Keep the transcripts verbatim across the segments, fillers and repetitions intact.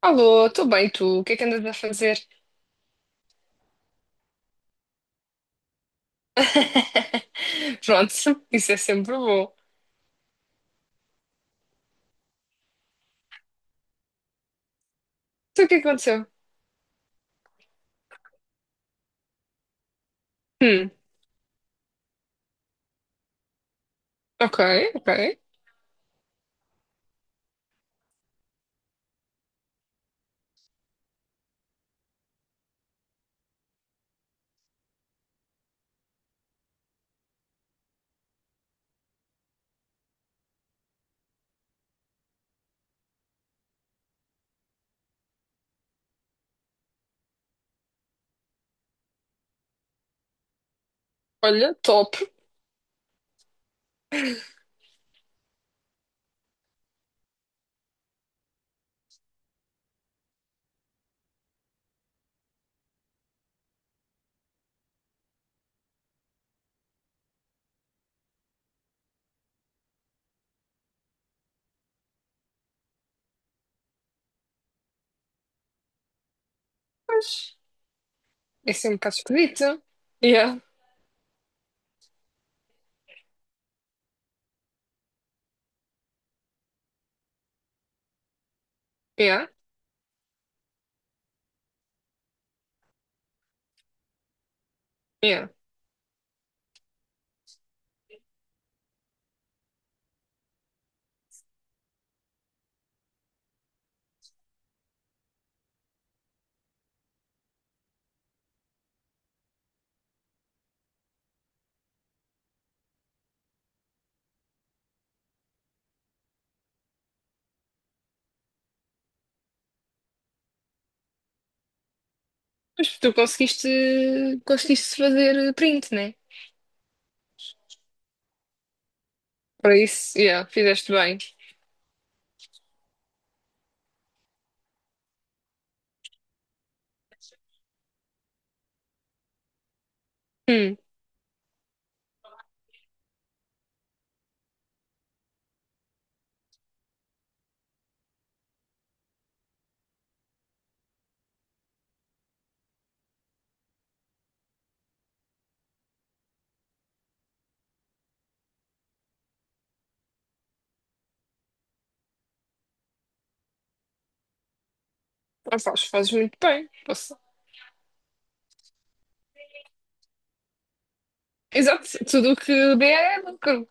Alô, estou bem, tu? O que é que andas a fazer? Pronto, isso é sempre bom. Então, o que é que aconteceu? Hum, ok, ok. Olha, top. Mas isso é sempre um bocado esquisito. Yeah, yeah, yeah. Mas tu conseguiste, conseguiste fazer print, né? Para isso, yeah, fizeste bem. Hum, ah, fazes, fazes muito bem. Posso- Exato, tudo o que der é lucro.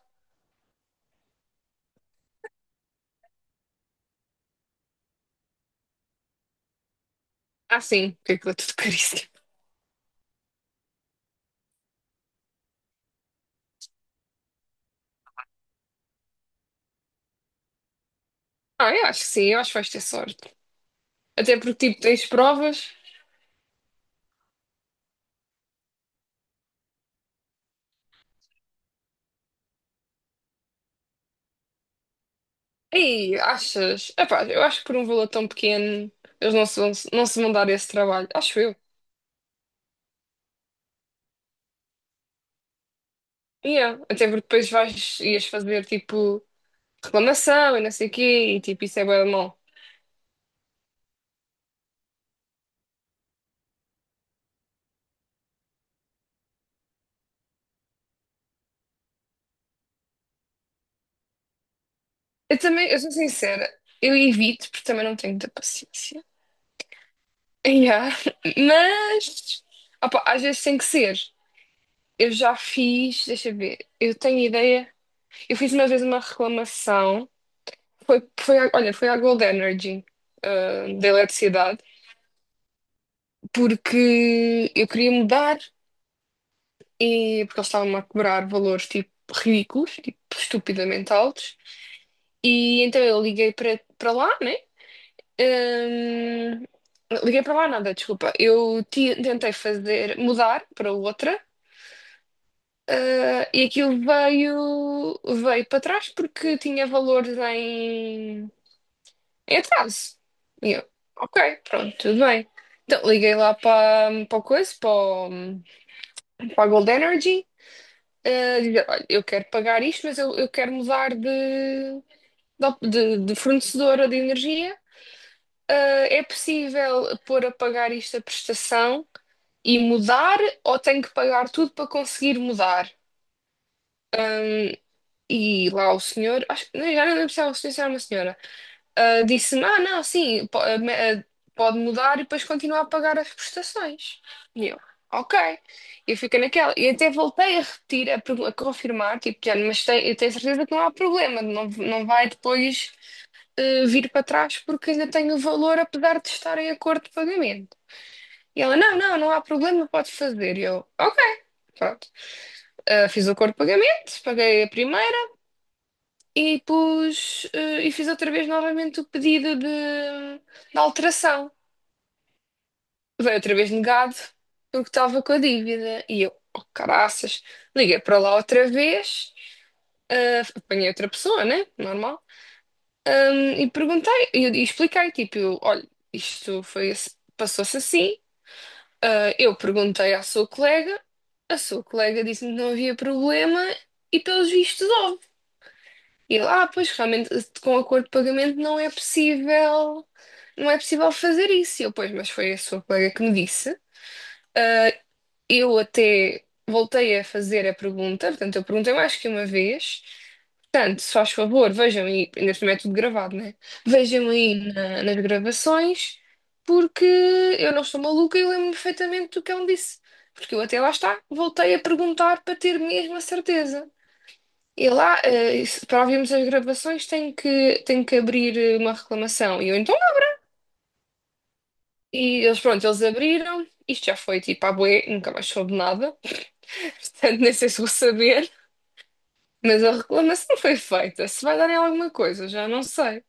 Ah, sim, porque aquilo é tudo caríssimo. Ah, eu acho que sim, eu acho que vais ter sorte. Até porque, tipo, tens provas. Ei, achas? Epá, eu acho que por um valor tão pequeno eles não se vão, não se vão dar esse trabalho. Acho eu. Yeah. Até porque depois vais, ias fazer tipo reclamação e não sei o quê e tipo isso é bué de mal. Eu também, eu sou sincera, eu evito porque também não tenho muita paciência. Yeah. Mas, opá, às vezes tem que ser. Eu já fiz, deixa eu ver, eu tenho ideia. Eu fiz uma vez uma reclamação, foi, foi, à- olha, foi à Gold Energy, ah, da eletricidade. Porque eu queria mudar e porque eles estavam a cobrar valores tipo ridículos, tipo estupidamente altos. E então eu liguei para para lá, né? Hum, Liguei para lá nada, desculpa. Eu ti- tentei fazer mudar para outra. Ah, e aquilo veio, veio para trás porque tinha valores em, em atraso. E eu, ok, pronto, tudo bem. Então liguei lá para, para o coisa, para, o- para a Gold Energy eh, dizer, olha, eu quero pagar isto, mas eu, eu quero mudar de, de, op- de- de fornecedora de energia. Eh, é possível pôr a pagar isto a prestação e mudar, ou tenho que pagar tudo para conseguir mudar? Ahm, e lá o senhor, acho, não, já não lembro se era o senhor, se era uma senhora, ah, disse-me: Ah, não, sim, po- ah, me- ah, pode mudar e depois continuar a pagar as prestações. E eu, ok. Eu fiquei naquela. E até voltei a repetir, a, pergu- a confirmar, tipo, já, mas tem- eu tenho certeza que não há problema, não, não vai depois ah, vir para trás porque ainda tenho o valor, apesar de estar em acordo de pagamento. E ela: Não, não, não há problema, pode fazer. E eu, ok. Pronto. Ah, fiz o acordo de pagamento, paguei a primeira e pus, eh, e fiz outra vez novamente o pedido de, de alteração. Veio outra vez negado, porque estava com a dívida. E eu, oh, caraças, liguei para lá outra vez, eh, apanhei outra pessoa, né? Normal. Ahm, e perguntei, e, e expliquei, tipo, eu, olha, isto foi, ass- passou-se assim. Ah, eu perguntei à sua colega, a sua colega disse-me que não havia problema e pelos vistos. E eu, ah, pois realmente com acordo de pagamento não é possível, não é possível fazer isso. E eu, pois, mas foi a sua colega que me disse. Eu até voltei a fazer a pergunta, portanto, eu perguntei mais que uma vez. Portanto, se faz favor, vejam aí, ainda por cima é tudo gravado, né? Vejam aí na- nas gravações, porque eu não estou maluca e eu lembro-me perfeitamente do que ela me disse. Porque eu até lá está, voltei a perguntar para ter mesmo a certeza. E lá, eh, se- para ouvirmos as gravações, tenho que, tenho que abrir eh, uma reclamação. E eu então, não. E eles, pronto, eles abriram. Isto já foi tipo à bué, nunca mais soube nada. Portanto, nem sei se vou saber. Mas a reclamação foi feita. Se vai dar em alguma coisa, já não sei.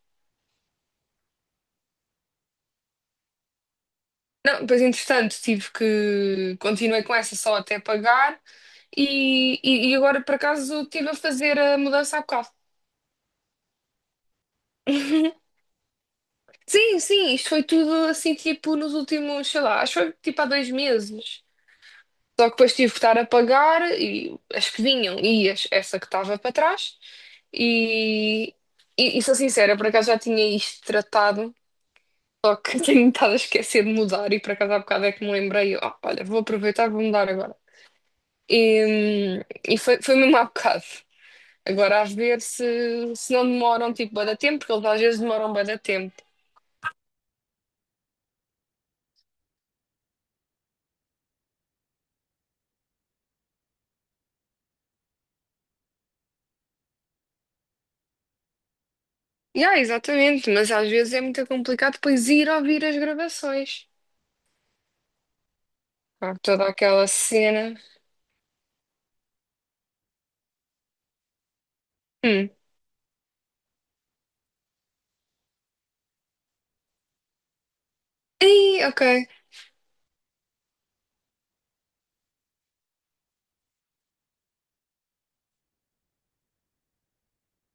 Não, pois entretanto, tive que. Continuei com essa só até pagar. E, e, e agora, por acaso, estive a fazer a mudança há bocado. Sim, sim, isto foi tudo assim, tipo, nos últimos, sei lá, acho que foi tipo há dois meses. Só que depois tive que estar a pagar e as que vinham e as- essa que estava para trás. E, e, e sou sincera, por acaso já tinha isto tratado, só que tenho estado a esquecer de mudar e por acaso há bocado é que me lembrei, ó, olha, vou aproveitar, e vou mudar agora. E, e foi, foi mesmo há bocado. Agora a ver se, se não demoram tipo bué da tempo, porque eles às vezes demoram bué da tempo. Yeah, exatamente, mas às vezes é muito complicado depois ir ouvir as gravações. Há toda aquela cena. Hum. Ei, ok.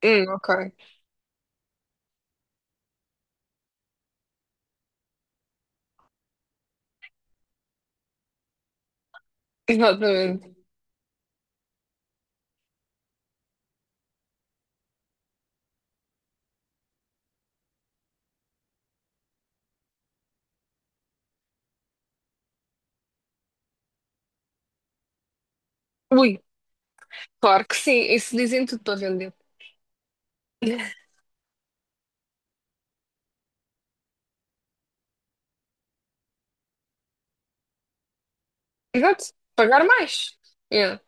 Hum, ok. Exatamente. Ui, claro que sim. Isso dizem tudo para vender. Exato. Pagar mais. Yeah.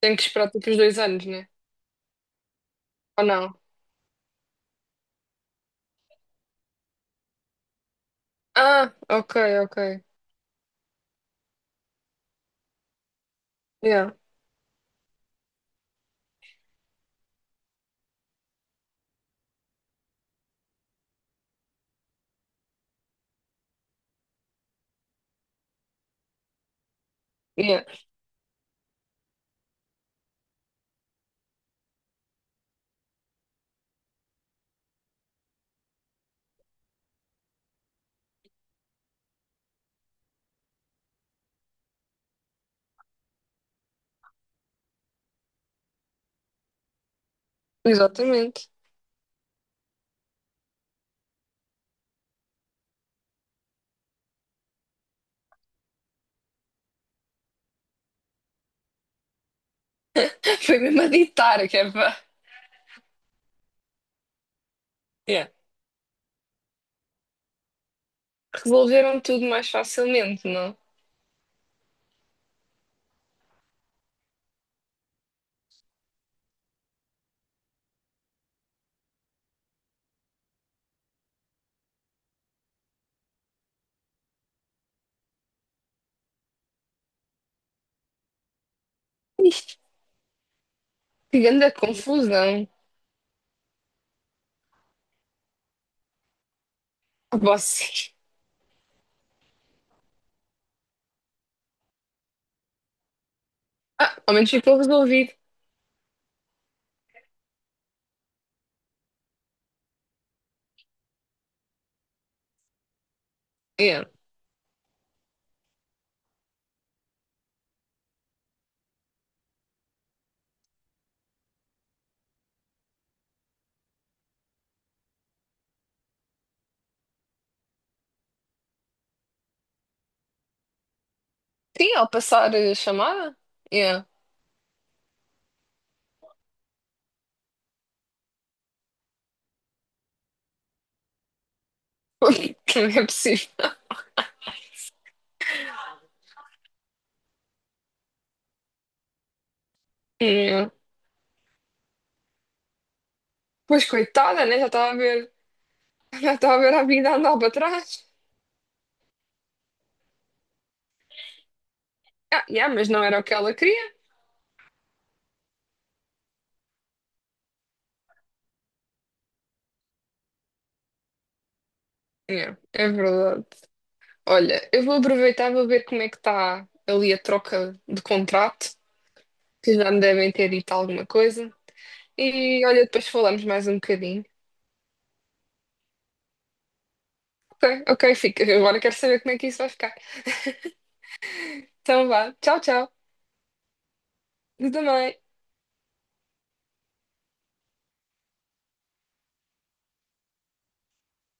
Tem que esperar tipo os dois anos, né? Ou não? Ah, ok, ok. Yeah, yeah. Exatamente. Foi mesmo a ditar, que é para... Yeah. Resolveram tudo mais facilmente, não? Isto, que grande confusão. Vocês. Ah, ao menos ficou resolvido. Yeah. Sim, ao passar a chamada? Yeah. Não é possível. Yeah. Pois coitada, né? Já estava a ver, já estava a ver a vida a andar para trás. Ah, yeah, mas não era o que ela queria. Yeah, é verdade. Olha, eu vou aproveitar, e vou ver como é que está ali a troca de contrato, que já me devem ter dito alguma coisa. E olha, depois falamos mais um bocadinho. Ok, ok, fica. Eu agora quero saber como é que isso vai ficar. Então vá. Tchau, tchau. Tu também.